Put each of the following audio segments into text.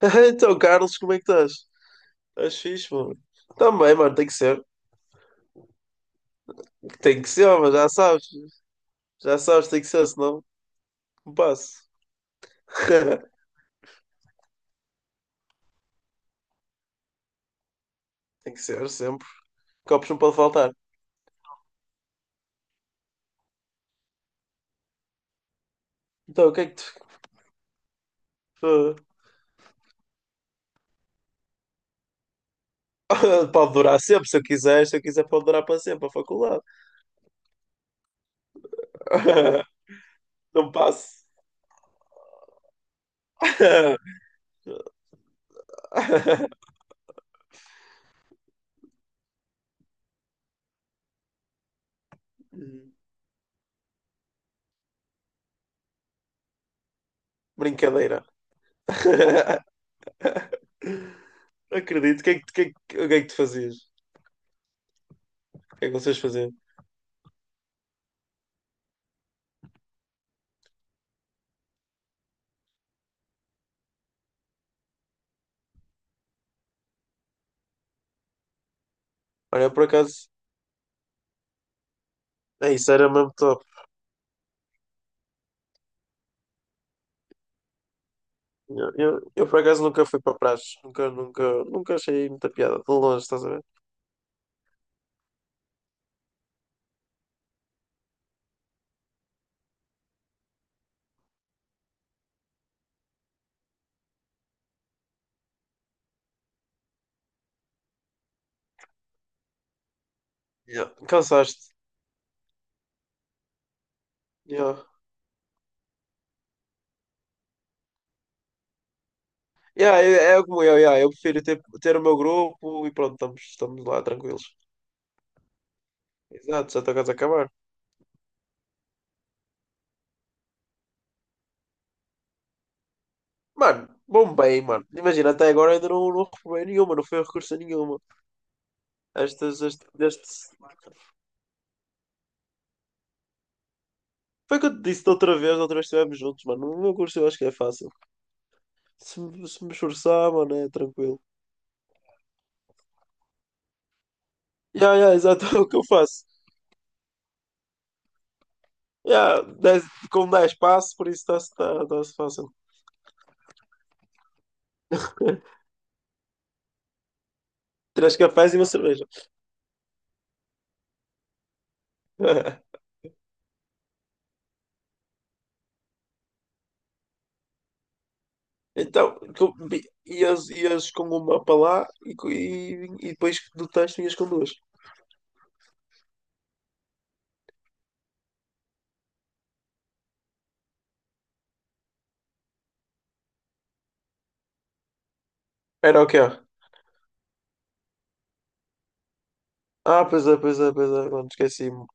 Então, Carlos, como é que estás? Estás fixe, mano? Também, mano, tem que ser. Tem que ser, mas já sabes. Já sabes, tem que ser, senão não passo. Tem que ser, sempre. Copos não pode faltar. Então, o que é que tu... Pode durar sempre, se eu quiser. Se eu quiser, pode durar para sempre, a faculdade. Não passo. Brincadeira. Acredito. O que é que tu fazias? O que é que vocês faziam? Olha, por acaso... É isso, era mesmo top. Eu, por acaso nunca fui para praxe, nunca achei muita piada, de longe, estás a ver? Yeah. Cansaste. Yeah. Yeah, é como eu, yeah. Eu prefiro ter o meu grupo e pronto, estamos lá tranquilos. Exato, já estou quase a acabar. Mano, bom bem, mano. Imagina, até agora ainda não recuperei nenhuma, não foi a recurso a nenhuma. Estas, este, este... Foi o que eu te disse da outra vez, estivemos juntos, mano. No meu curso eu acho que é fácil. Se me esforçar, mano, é tranquilo. Yeah, yeah, exato, é o que eu faço. Yeah, com 10 passos por isso tá-se fácil. Três cafés e uma cerveja. Então, ias com uma para lá e depois do texto ias com duas. Era o quê? Ah, pois é, pois é, pois é, mano, esqueci-me.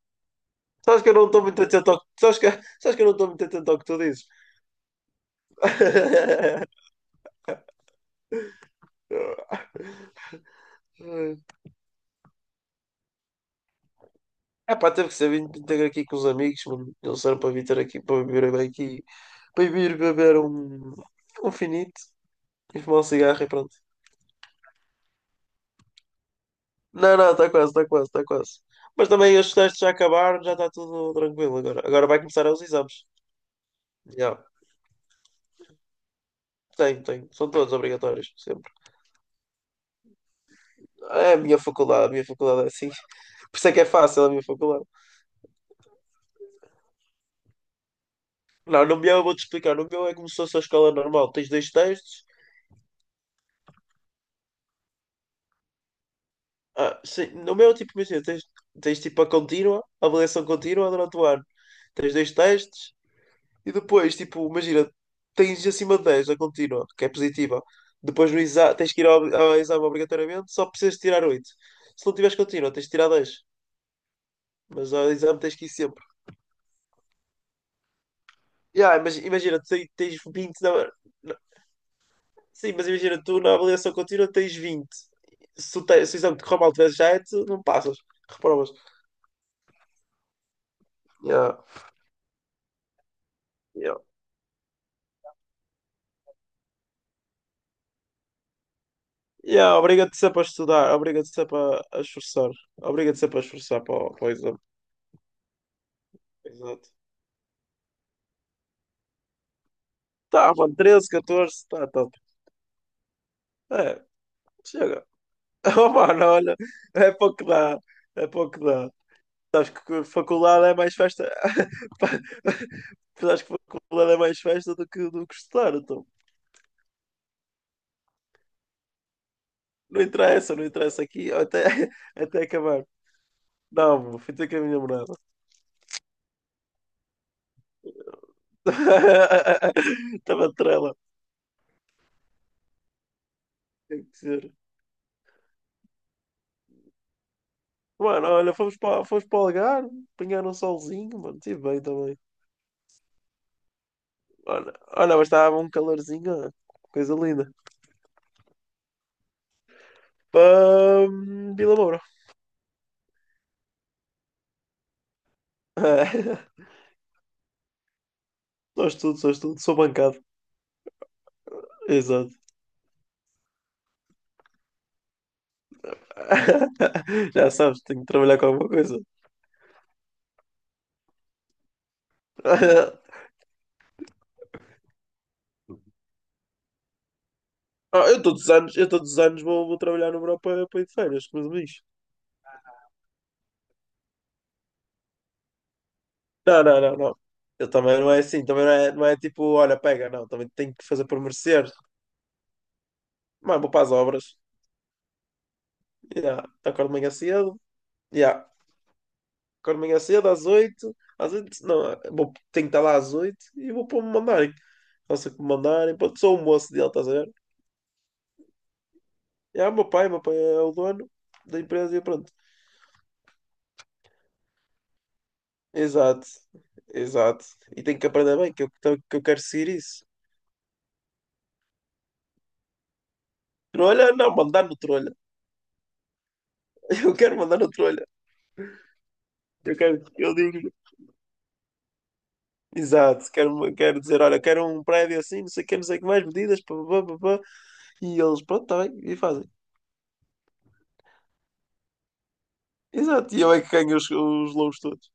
Sabes que eu não estou muito atento ao que... Sabes que eu não estou muito atento ao que tu dizes? É pá, teve que ser vindo ter aqui com os amigos, mano. Eles eram para vir ter aqui, para vir bem aqui, para vir beber um finito e fumar um cigarro e pronto. Não, não, está quase, está quase, está quase. Mas também os testes já acabaram, já está tudo tranquilo agora. Agora vai começar os exames. Já. Tem, tem. São todos obrigatórios, sempre. É a minha faculdade é assim. Por isso é que é fácil a minha faculdade. Não, no meu eu vou-te explicar. No meu é como se fosse a escola normal. Tens dois textos. Ah, sim, no meu, tipo, imagina, tens tipo a avaliação contínua durante o ano. Tens dois testes e depois, tipo, imagina, tens acima de 10 a contínua, que é positiva. Depois no exa tens que ir ao exame obrigatoriamente, só precisas tirar 8. Se não tiveres contínua, tens de tirar 10. Mas ao exame tens que ir sempre. Yeah, mas imagina, tens 20 na... na- Sim, mas imagina, tu na avaliação contínua tens 20. Se o exame te correr mal, tiveres 7, não passas, reprovas. Yeah. Yeah, obriga-te sempre a estudar, obriga-te sempre a esforçar, obriga-te sempre a esforçar para o exame. Exato. Tá, mano, 13, 14, tá top. É, chega. Oh, mano, olha, é pouco que dá, é pouco que dá. Sabes que faculdade é mais festa. Pa- Sabes que faculdade é mais festa do que estudar, então. Não interessa, não interessa aqui, até, até acabar. Não, meu, fui ter com a minha namorada. Estava trela, tem que ser. Mano, olha, fomos para o Algarve, apanhar um solzinho, mano, estive bem também. Olha, mas estava um calorzinho, ó, coisa linda. Para Vila Moura. Sou estudo, sou estudo, sou bancado. Exato. Já sabes, tenho que trabalhar com alguma coisa. Ah, eu todos os anos vou trabalhar no Europa para ir de férias, com os. Não, não, não, não. Eu também não é assim, também não é tipo, olha, pega, não, também tenho que fazer por merecer. Mas vou para as obras. Yeah. Acordo de manhã cedo. Yeah. Acordo amanhã cedo, às 8, às 8 não, vou, tenho que estar lá às 8 e vou para me mandarem. Faço o que me mandarem. Pronto, sou o moço dele, estás a ver? E há o meu pai é o dono da empresa e pronto. Exato, exato. E tenho que aprender bem que eu, então, que eu quero seguir isso. Trolha? Não, mandar no trolha. Eu quero mandar no trolha. Eu quero, eu digo, exato, quero dizer, olha, quero um prédio assim, não sei o que, não sei o que mais, medidas, pá, pá, pá, pá, pá. E eles, pronto, está bem, e fazem. Exato, e eu é que ganho os louros todos.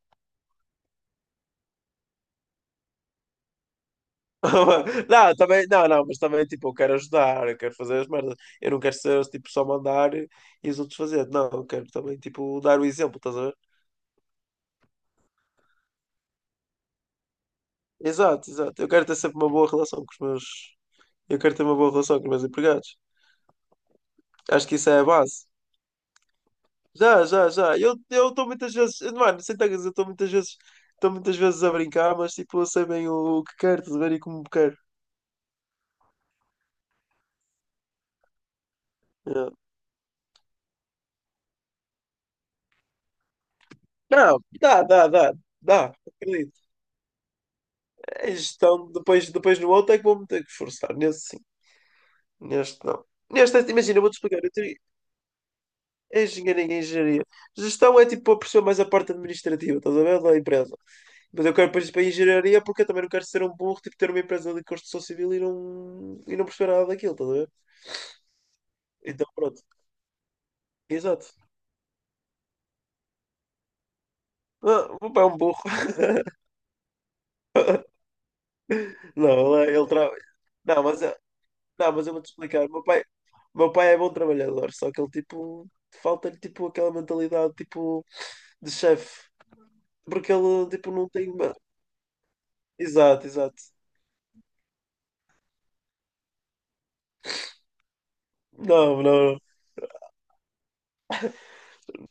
Não, também, não, não, mas também, tipo, eu quero ajudar, eu quero fazer as merdas. Eu não quero ser, tipo, só mandar e os outros fazer. Não, eu quero também, tipo, dar o exemplo, estás a ver? Exato, exato. Eu quero ter sempre uma boa relação com os meus. Eu quero ter uma boa relação com os meus empregados. Acho que isso é a base. Já, já, já. Eu estou muitas vezes. Mano, sem tangas, eu estou muitas vezes. Estou muitas vezes a brincar, mas, tipo, eu sei bem o que quero, estás a ver? E como quero. Yeah. Não, dá, dá, dá, dá. É gestão, depois no outro é que vou-me ter que esforçar. Nesse sim, neste não. Neste, é, imagina, eu vou-te explicar. Eu tenho engenharia e engenharia. Gestão é tipo a pessoa mais a parte administrativa, estás a ver? Da empresa. Mas eu quero depois ir para a engenharia porque eu também não quero ser um burro, tipo ter uma empresa de construção civil e não perceber nada daquilo, estás a ver? Então pronto, exato. Ah, o meu pai é um burro. Não, ele, é, ele tra- Não, mas, eu- não, mas eu vou-te explicar. O meu pai é bom trabalhador, só que ele tipo falta-lhe tipo aquela mentalidade tipo de chefe, porque ele, tipo, não tem uma. Exato, exato. Não, não,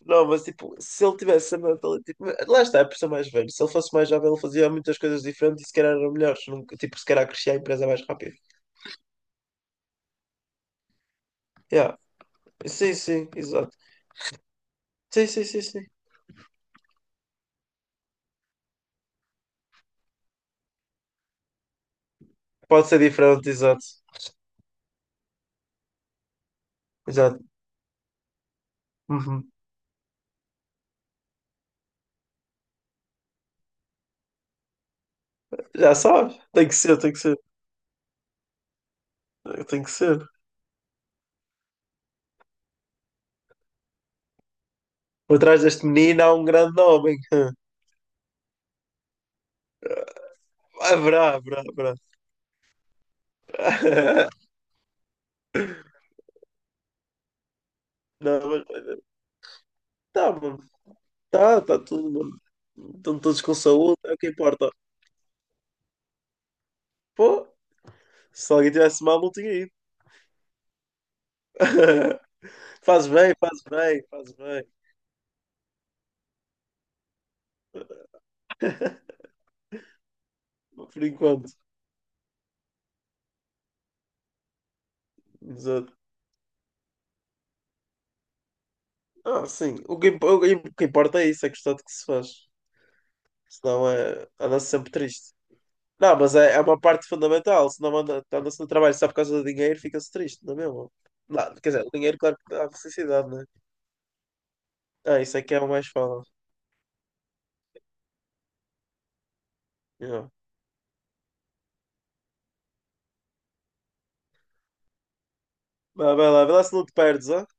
não, mas tipo, se ele tivesse a mentalidade, tipo, lá está, é por ser mais velho. Se ele fosse mais jovem, ele fazia muitas coisas diferentes e se calhar eram melhores. Tipo, se calhar crescia a empresa mais rápido. Yeah. Sim, sim, exato. Sim, sim, sim, sim. Pode ser diferente, exato. Exato. Uhum. Já sabes, tem que ser, tem que ser, tem que ser. Por trás deste menino há um grande homem. Haverá, haverá, haverá. Não, mas. Tá, mano. Tá, tá todo mundo. Estão todos com saúde, é o que importa. Pô, se alguém tivesse mal, não tinha ido. Faz bem, faz bem, faz bem. Por enquanto. Exato. Ah, sim. O que importa é isso, é gostar do que se faz. Senão é, anda-se sempre triste. Não, mas é uma parte fundamental. Se não anda-se no trabalho só por causa do dinheiro, fica-se triste, não é mesmo? Não, quer dizer, o dinheiro, claro que dá felicidade, né? Ah, isso é que é o mais fala. Yeah. Vai, vai lá se não te perdes, ó. Tá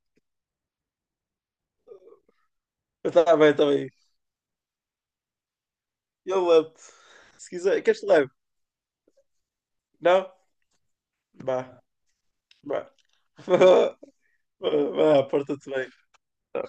bem, estava bem. Eu levo. Se quiser, queres que te leve? Não? Vá, vá. Vá, porta-te bem. Tá